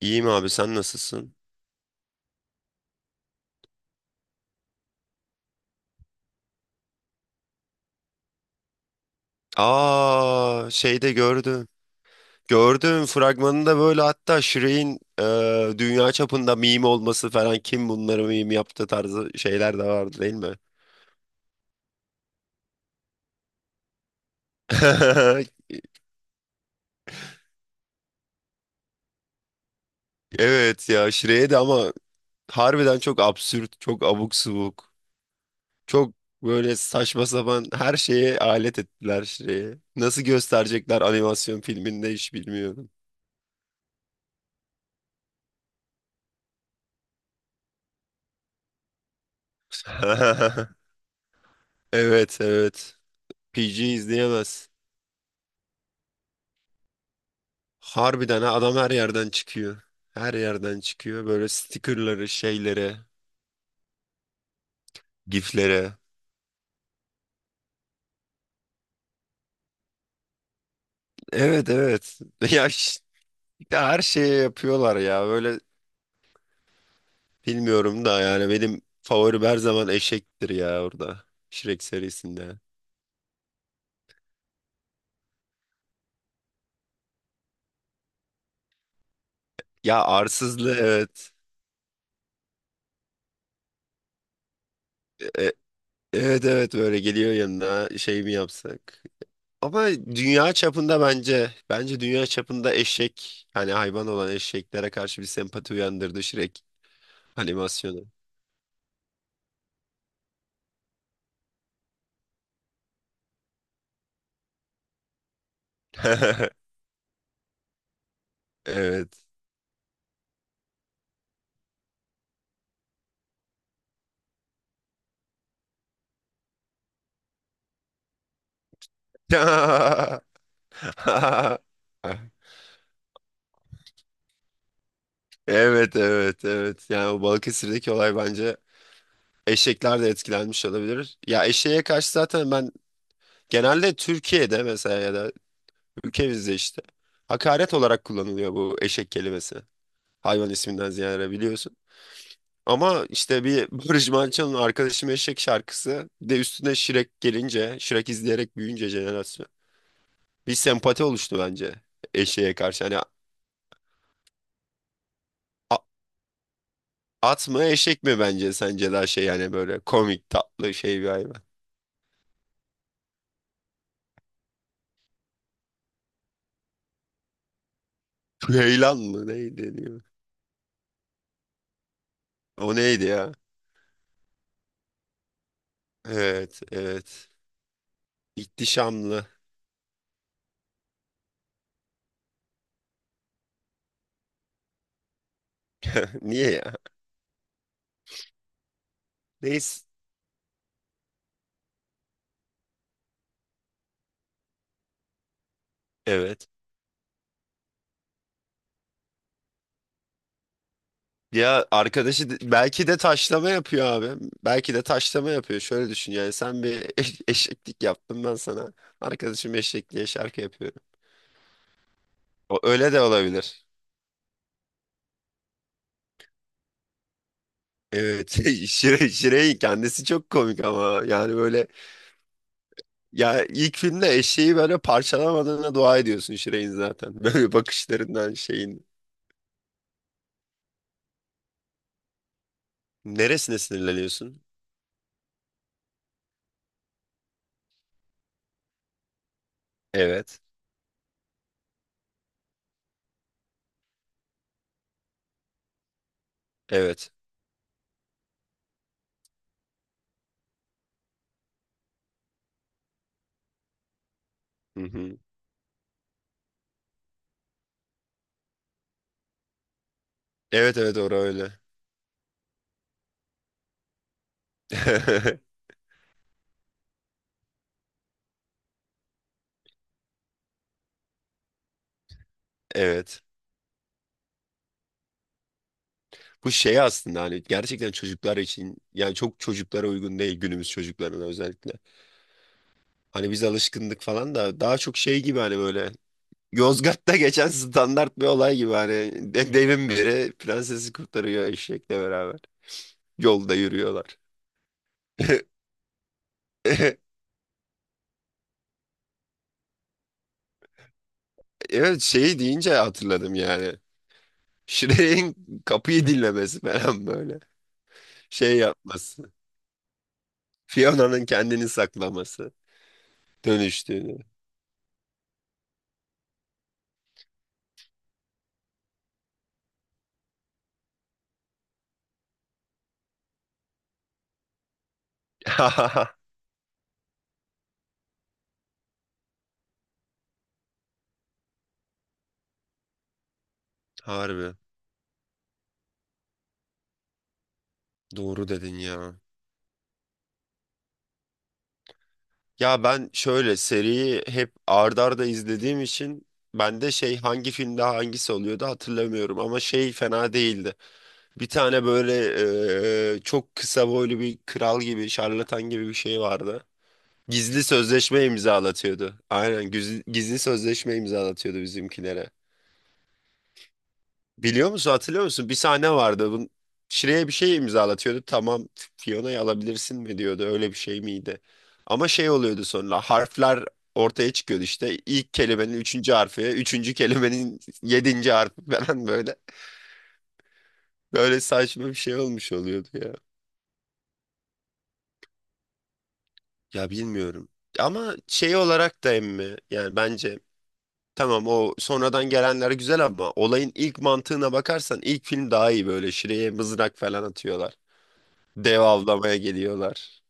İyiyim abi sen nasılsın? Aa şeyde gördüm. Gördüm fragmanında böyle hatta Shrek'in dünya çapında meme olması falan kim bunları meme yaptı tarzı şeyler de vardı değil mi? Evet ya Shrek'e de ama harbiden çok absürt, çok abuk subuk. Çok böyle saçma sapan her şeye alet ettiler Shrek'i. Nasıl gösterecekler animasyon filminde hiç bilmiyorum. Evet, evet. PG izleyemez. Harbiden ha, adam her yerden çıkıyor. Her yerden çıkıyor. Böyle stickerları, şeylere, giflere. Evet, evet. Ya ya her şeye yapıyorlar ya. Böyle bilmiyorum da yani benim favorim her zaman eşektir ya orada. Shrek serisinde. Ya arsızlı evet. E- evet, evet böyle geliyor yanına şey mi yapsak? Ama dünya çapında bence dünya çapında eşek hani hayvan olan eşeklere karşı bir sempati uyandırdı Shrek animasyonu. Evet. Evet, evet, evet. Yani o Balıkesir'deki olay bence eşekler de etkilenmiş olabilir. Ya eşeğe karşı zaten ben genelde Türkiye'de mesela ya da ülkemizde işte hakaret olarak kullanılıyor bu eşek kelimesi. Hayvan isminden ziyade biliyorsun. Ama işte bir Barış Manço'nun Arkadaşım Eşek şarkısı bir de üstüne Şirek gelince, Şirek izleyerek büyüyünce jenerasyon bir sempati oluştu bence eşeğe karşı. Hani at mı eşek mi bence sence daha şey yani böyle komik tatlı şey bir hayvan. Ceylan mı neydi diyor. O neydi ya? Evet, evet. İhtişamlı. Niye ya? Neyse. Evet. Ya arkadaşı belki de taşlama yapıyor abi. Belki de taşlama yapıyor. Şöyle düşün yani sen bir eşeklik yaptın ben sana. Arkadaşım eşek diye şarkı yapıyorum. O öyle de olabilir. Evet. Şire'in kendisi çok komik ama yani böyle. Ya ilk filmde eşeği böyle parçalamadığına dua ediyorsun Şirey'in zaten. Böyle bakışlarından şeyin. Neresine sinirleniyorsun? Evet. Evet. Hı hı. Evet, evet orası öyle. Evet. Bu şey aslında hani gerçekten çocuklar için yani çok çocuklara uygun değil günümüz çocuklarına özellikle. Hani biz alışkındık falan da daha çok şey gibi hani böyle Yozgat'ta geçen standart bir olay gibi hani devin biri prensesi kurtarıyor eşekle beraber. Yolda yürüyorlar. Evet şeyi deyince hatırladım yani. Shrek'in kapıyı dinlemesi falan böyle. Şey yapması. Fiona'nın kendini saklaması. Dönüştüğünü. Harbi. Doğru dedin ya. Ya ben şöyle seriyi hep ard arda izlediğim için ben de şey hangi filmde hangisi oluyordu hatırlamıyorum ama şey fena değildi. Bir tane böyle çok kısa boylu bir kral gibi şarlatan gibi bir şey vardı. Gizli sözleşme imzalatıyordu. Aynen gizli sözleşme imzalatıyordu bizimkilere. Biliyor musun, hatırlıyor musun? Bir sahne vardı. Şire'ye bir şey imzalatıyordu. Tamam Fiona'yı alabilirsin mi diyordu. Öyle bir şey miydi? Ama şey oluyordu sonra harfler ortaya çıkıyordu işte. İlk kelimenin üçüncü harfi, üçüncü kelimenin yedinci harfi falan böyle. Böyle saçma bir şey olmuş oluyordu ya. Ya bilmiyorum. Ama şey olarak da emmi yani bence. Tamam o sonradan gelenler güzel ama olayın ilk mantığına bakarsan ilk film daha iyi böyle şuraya mızrak falan atıyorlar. Dev avlamaya geliyorlar.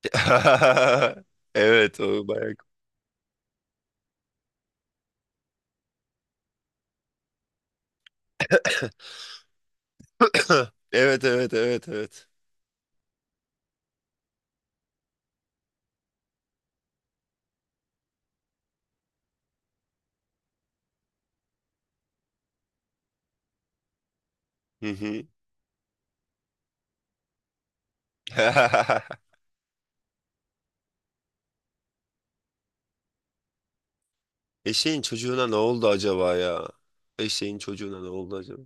Evet o bayağı. Evet, evet, evet, evet. Hı hı. Eşeğin çocuğuna ne oldu acaba ya? Eşeğin çocuğuna ne oldu acaba?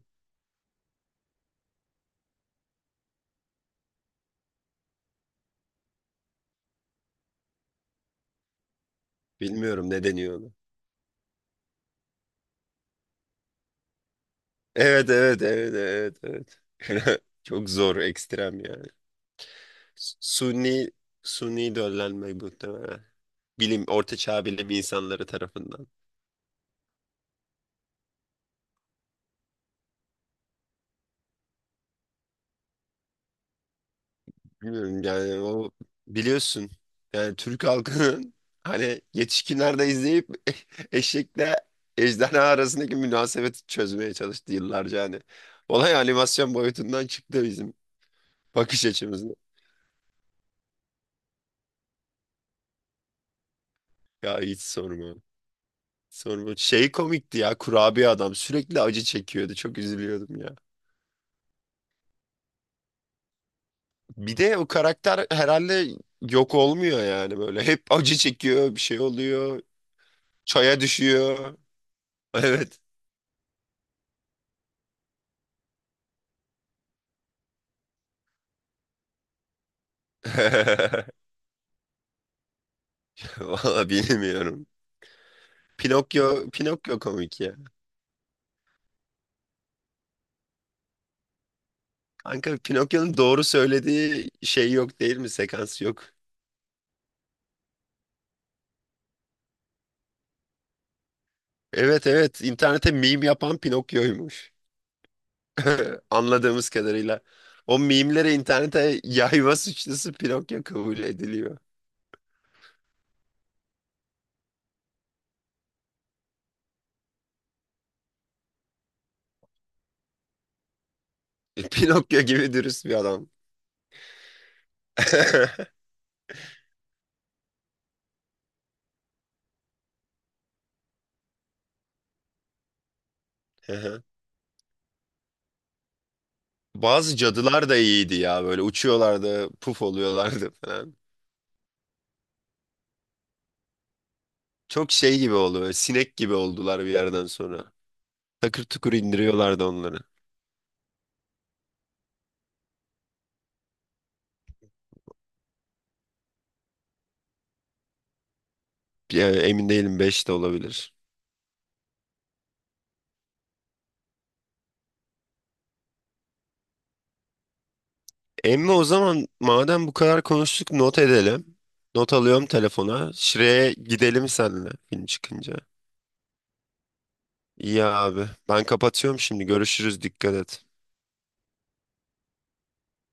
Bilmiyorum ne deniyor ona. Evet, evet, evet, evet, evet. Çok zor ekstrem yani. Sunni Sunni döllenmek muhtemelen. Bilim, orta çağ bilim insanları tarafından. Bilmiyorum yani o biliyorsun yani Türk halkının hani yetişkinlerde izleyip eşekle ejderha arasındaki münasebeti çözmeye çalıştı yıllarca hani. Olay animasyon boyutundan çıktı bizim bakış açımızda. Ya hiç sorma. Sorma. Şey komikti ya kurabiye adam sürekli acı çekiyordu. Çok üzülüyordum ya. Bir de o karakter herhalde yok olmuyor yani böyle. Hep acı çekiyor, bir şey oluyor, çaya düşüyor. Evet. Valla bilmiyorum. Pinokyo komik ya. Kanka Pinokyo'nun doğru söylediği şey yok değil mi? Sekans yok. Evet, evet internete meme yapan Pinokyo'ymuş. Anladığımız kadarıyla. O meme'lere internete yayma suçlusu Pinokyo kabul ediliyor. Pinokyo gibi dürüst bir adam. Hı hı. Bazı cadılar da iyiydi ya böyle uçuyorlardı, puf oluyorlardı falan. Çok şey gibi oluyor, sinek gibi oldular bir yerden sonra. Takır tukur indiriyorlardı onları. Ya, emin değilim 5 de olabilir. Emmi o zaman madem bu kadar konuştuk not edelim. Not alıyorum telefona. Şire'ye gidelim seninle film çıkınca. İyi abi. Ben kapatıyorum şimdi. Görüşürüz. Dikkat et.